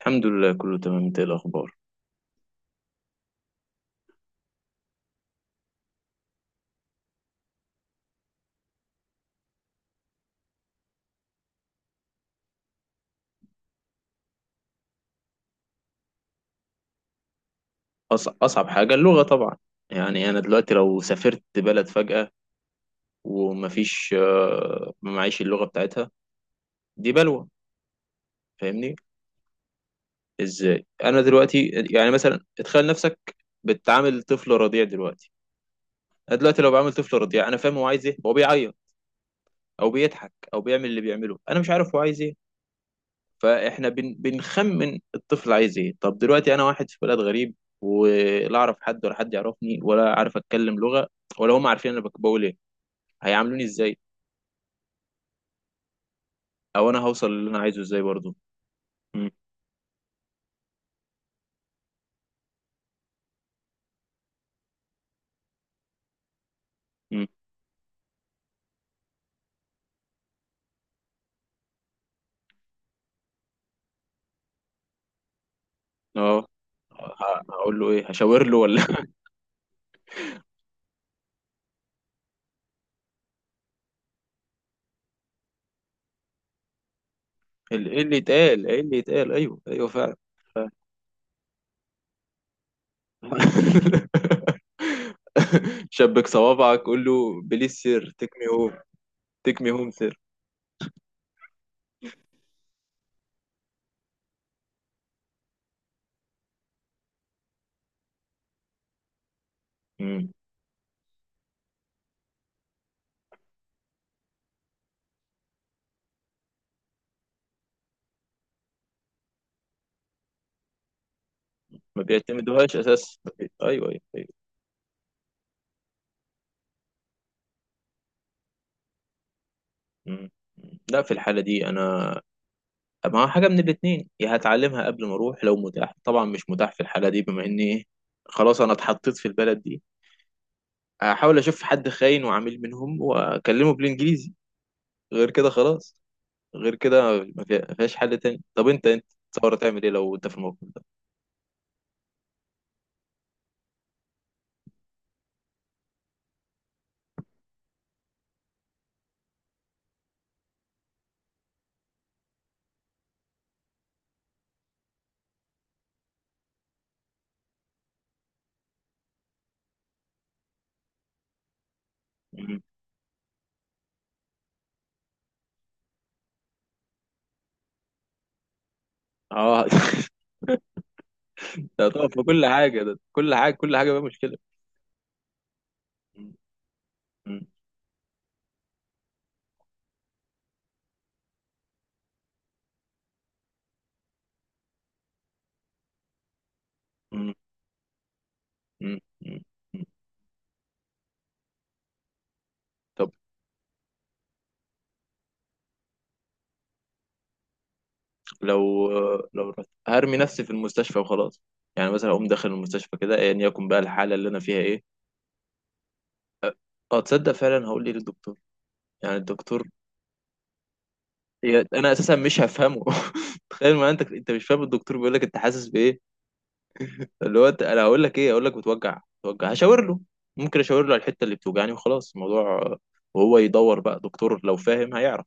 الحمد لله كله تمام، انت ايه الاخبار؟ اصعب حاجه اللغه طبعا. يعني انا دلوقتي لو سافرت بلد فجاه ومفيش ما معيش اللغه بتاعتها، دي بلوه. فاهمني؟ ازاي انا دلوقتي؟ يعني مثلا اتخيل نفسك بتعامل طفل رضيع دلوقتي. انا دلوقتي لو بعامل طفل رضيع انا فاهم هو عايز ايه، هو بيعيط او بيضحك او بيعمل اللي بيعمله، انا مش عارف هو عايز ايه. فاحنا بنخمن الطفل عايز ايه. طب دلوقتي انا واحد في بلد غريب، ولا اعرف حد ولا حد يعرفني ولا عارف اتكلم لغة ولا هم عارفين انا بقول ايه، هيعاملوني ازاي، او انا هوصل اللي انا عايزه ازاي برضه. امم امم اه، هقول له ايه؟ هشاور له ولا ايه اللي يتقال؟ ايه اللي يتقال؟ ايوه، ايوه، فعلا. ف... شبك صوابعك قول له بليز سير تيك مي هوم. تيك مي هوم سير. مم. ما بيعتمدوهاش اساس. ايوه ايوه. مم. لا في الحالة دي أنا، ما حاجة من الاتنين، يا هتعلمها قبل ما أروح لو متاح، طبعا مش متاح في الحالة دي بما إني إيه، خلاص أنا اتحطيت في البلد دي. أحاول أشوف حد خاين وعميل منهم وأكلمه بالإنجليزي، غير كده خلاص. غير كده ما فيهاش حل تاني. طب أنت تصور تعمل إيه لو أنت في الموقف ده؟ مم. أه ده طبعا في كل حاجة، ده كل حاجة، كل حاجة بقى مشكلة. مم. مم. مم. مم. مم. طب لو، لو رحت هرمي نفسي في المستشفى وخلاص. يعني مثلا اقوم داخل المستشفى كده ايا يكن بقى الحاله اللي انا فيها ايه. اه تصدق فعلا هقول لي للدكتور، يعني الدكتور. انا اساسا مش هفهمه تخيل، ما انت انت مش فاهم الدكتور بيقول لك انت حاسس بايه. اللي هو انا هقول لك ايه؟ هقول لك بتوجع بتوجع، هشاور له. ممكن اشاور له على الحته اللي بتوجعني وخلاص الموضوع. آه، وهو يدور بقى، دكتور لو فاهم هيعرف.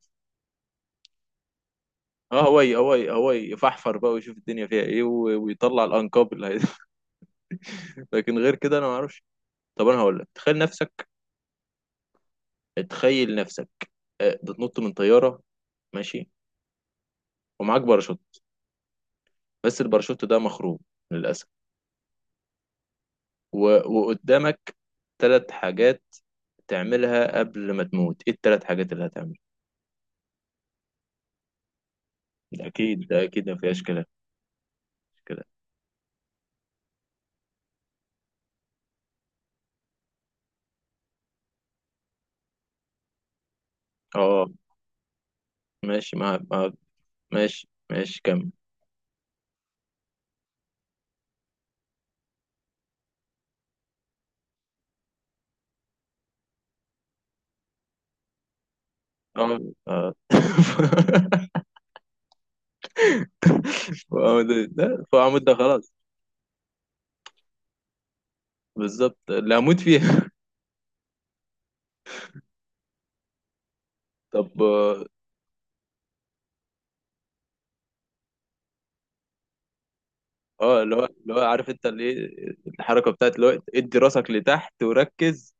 اه هو هو هو يفحفر بقى ويشوف الدنيا فيها ايه ويطلع الانكاب اللي هي. لكن غير كده انا ما اعرفش. طب انا هقول لك، تخيل نفسك، بتنط من طياره، ماشي، ومعاك باراشوت، بس الباراشوت ده مخروب، للاسف، و... وقدامك ثلاث حاجات تعملها قبل ما تموت، ايه الثلاث حاجات اللي هتعملها؟ ده اكيد ما فيهاش كلام كده. اه ماشي ماشي، ماشي، كمل. اه اه لا فأموت ده خلاص. بالظبط اللي هموت فيها. طب آه، اه اللي هو عارف، انت اللي ايه، الحركه بتاعت اللي هو ادي راسك لتحت وركز.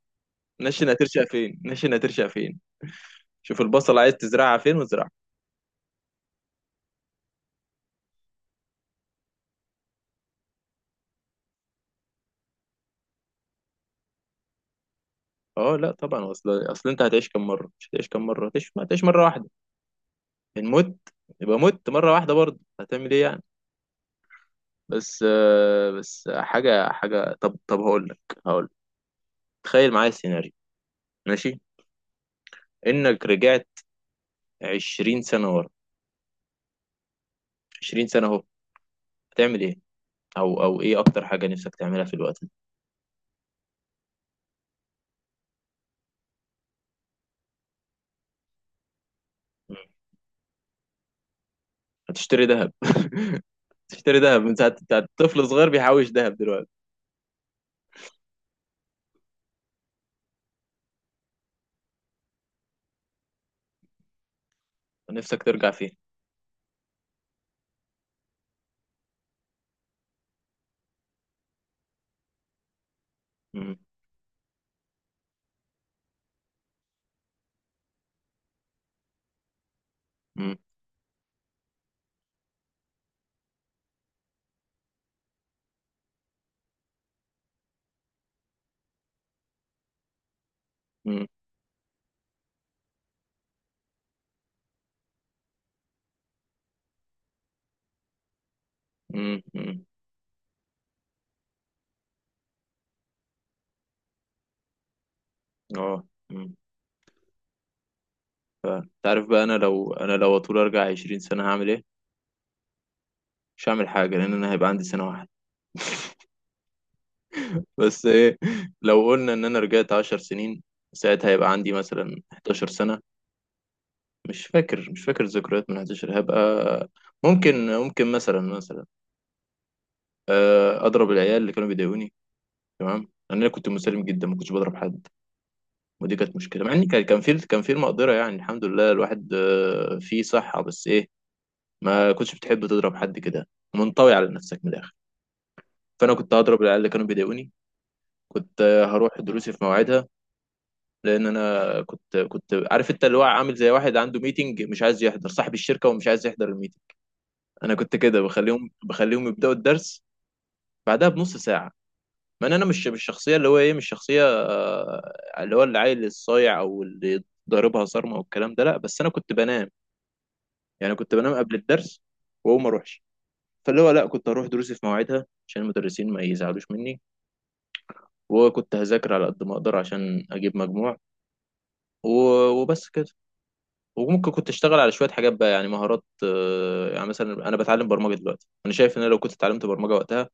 نشن هترشق فين؟ نشن هترشق فين؟ شوف البصل عايز تزرعها فين وازرعها. اه لا طبعا، اصل انت هتعيش كم مره؟ مش هتعيش كم مره، هتعيش، ما هتعيش مره واحده. ان مت يبقى مت مره واحده، برضه هتعمل ايه يعني؟ بس آه، بس حاجه حاجه، طب هقول لك، هقول لك، تخيل معايا السيناريو، ماشي، انك رجعت 20 سنه ورا. 20 سنه اهو، هتعمل ايه؟ او او ايه اكتر حاجه نفسك تعملها في الوقت ده؟ هتشتري ذهب تشتري ذهب من ساعة بتاع طفل صغير بيحوش ذهب دلوقتي. نفسك ترجع فيه. مم. مم. مم. مم. مم. اه مم. ف- تعرف بقى انا لو، انا لو اطول ارجع 20 سنة هعمل ايه؟ مش هعمل حاجة لان انا هيبقى عندي سنة واحدة بس. ايه لو قلنا ان انا رجعت 10 سنين، ساعتها هيبقى عندي مثلا 11 سنة. مش فاكر، مش فاكر الذكريات من 11 هبقى. ممكن، ممكن مثلا، مثلا آه، اضرب العيال اللي كانوا بيضايقوني. تمام، لان انا كنت مسالم جدا ما كنتش بضرب حد، ودي كانت مشكله، مع ان كان في، كان في المقدره يعني، الحمد لله الواحد آه، فيه صحه، بس ايه، ما كنتش بتحب تضرب حد كده، منطوي على نفسك من الاخر. فانا كنت هضرب العيال اللي كانوا بيضايقوني. كنت آه، هروح دروسي في مواعيدها، لان انا كنت عارف انت اللي هو عامل زي واحد عنده ميتنج، مش عايز يحضر، صاحب الشركه ومش عايز يحضر الميتنج. انا كنت كده بخليهم يبداوا الدرس بعدها بنص ساعه. ما انا أنا مش الشخصيه اللي هو ايه، مش شخصيه آه، اللي هو العيل الصايع او اللي ضاربها صارمه والكلام ده، لا بس انا كنت بنام. يعني كنت بنام قبل الدرس واقوم اروحش. فاللي هو لا، كنت اروح دروسي في مواعيدها عشان المدرسين ما يزعلوش مني. وكنت هذاكر على قد ما اقدر عشان اجيب مجموع. وبس كده. وممكن كنت اشتغل على شويه حاجات بقى، يعني مهارات، آه، يعني مثلا انا بتعلم برمجه دلوقتي، انا شايف ان انا لو كنت اتعلمت برمجه وقتها،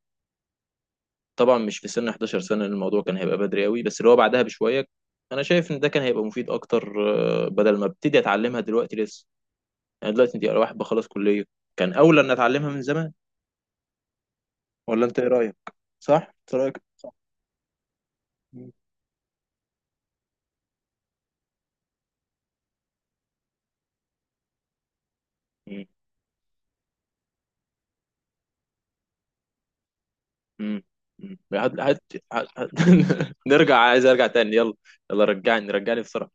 طبعا مش في سن 11 سنه لأن الموضوع كان هيبقى بدري قوي، بس اللي هو بعدها بشويه، انا شايف ان ده كان هيبقى مفيد اكتر، آه، بدل ما ابتدي اتعلمها دلوقتي لسه. يعني دلوقتي دي واحد بخلص كليه، كان اولى ان اتعلمها من زمان. ولا انت ايه رايك؟ صح. انت رايك صح. مم. مم. مم. هات هات، هات. نرجع، عايز ارجع تاني، يلا. يلا رجعني، رجعني بسرعة.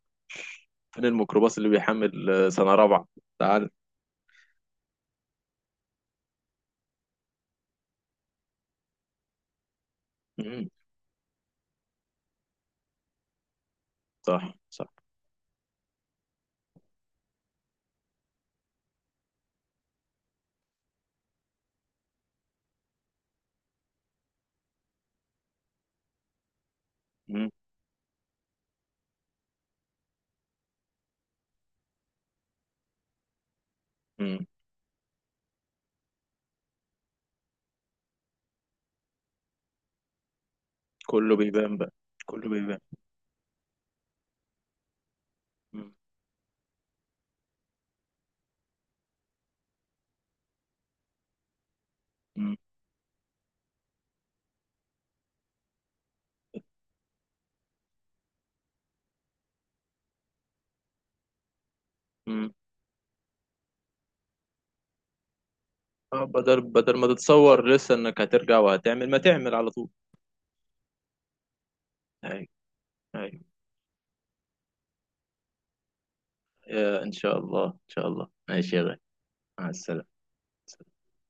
فين الميكروباص اللي بيحمل آه، سنة رابعة؟ تعال. مم. صح صح. مم. مم. كله بيبان بقى، كله بيبان. مم. مم. مم. آه، بدل، بدل ما تتصور لسه انك هترجع وهتعمل، ما تعمل على طول. هاي. هاي. آه، ان شاء الله، ان شاء الله، ماشي يا غالي. مع السلامة.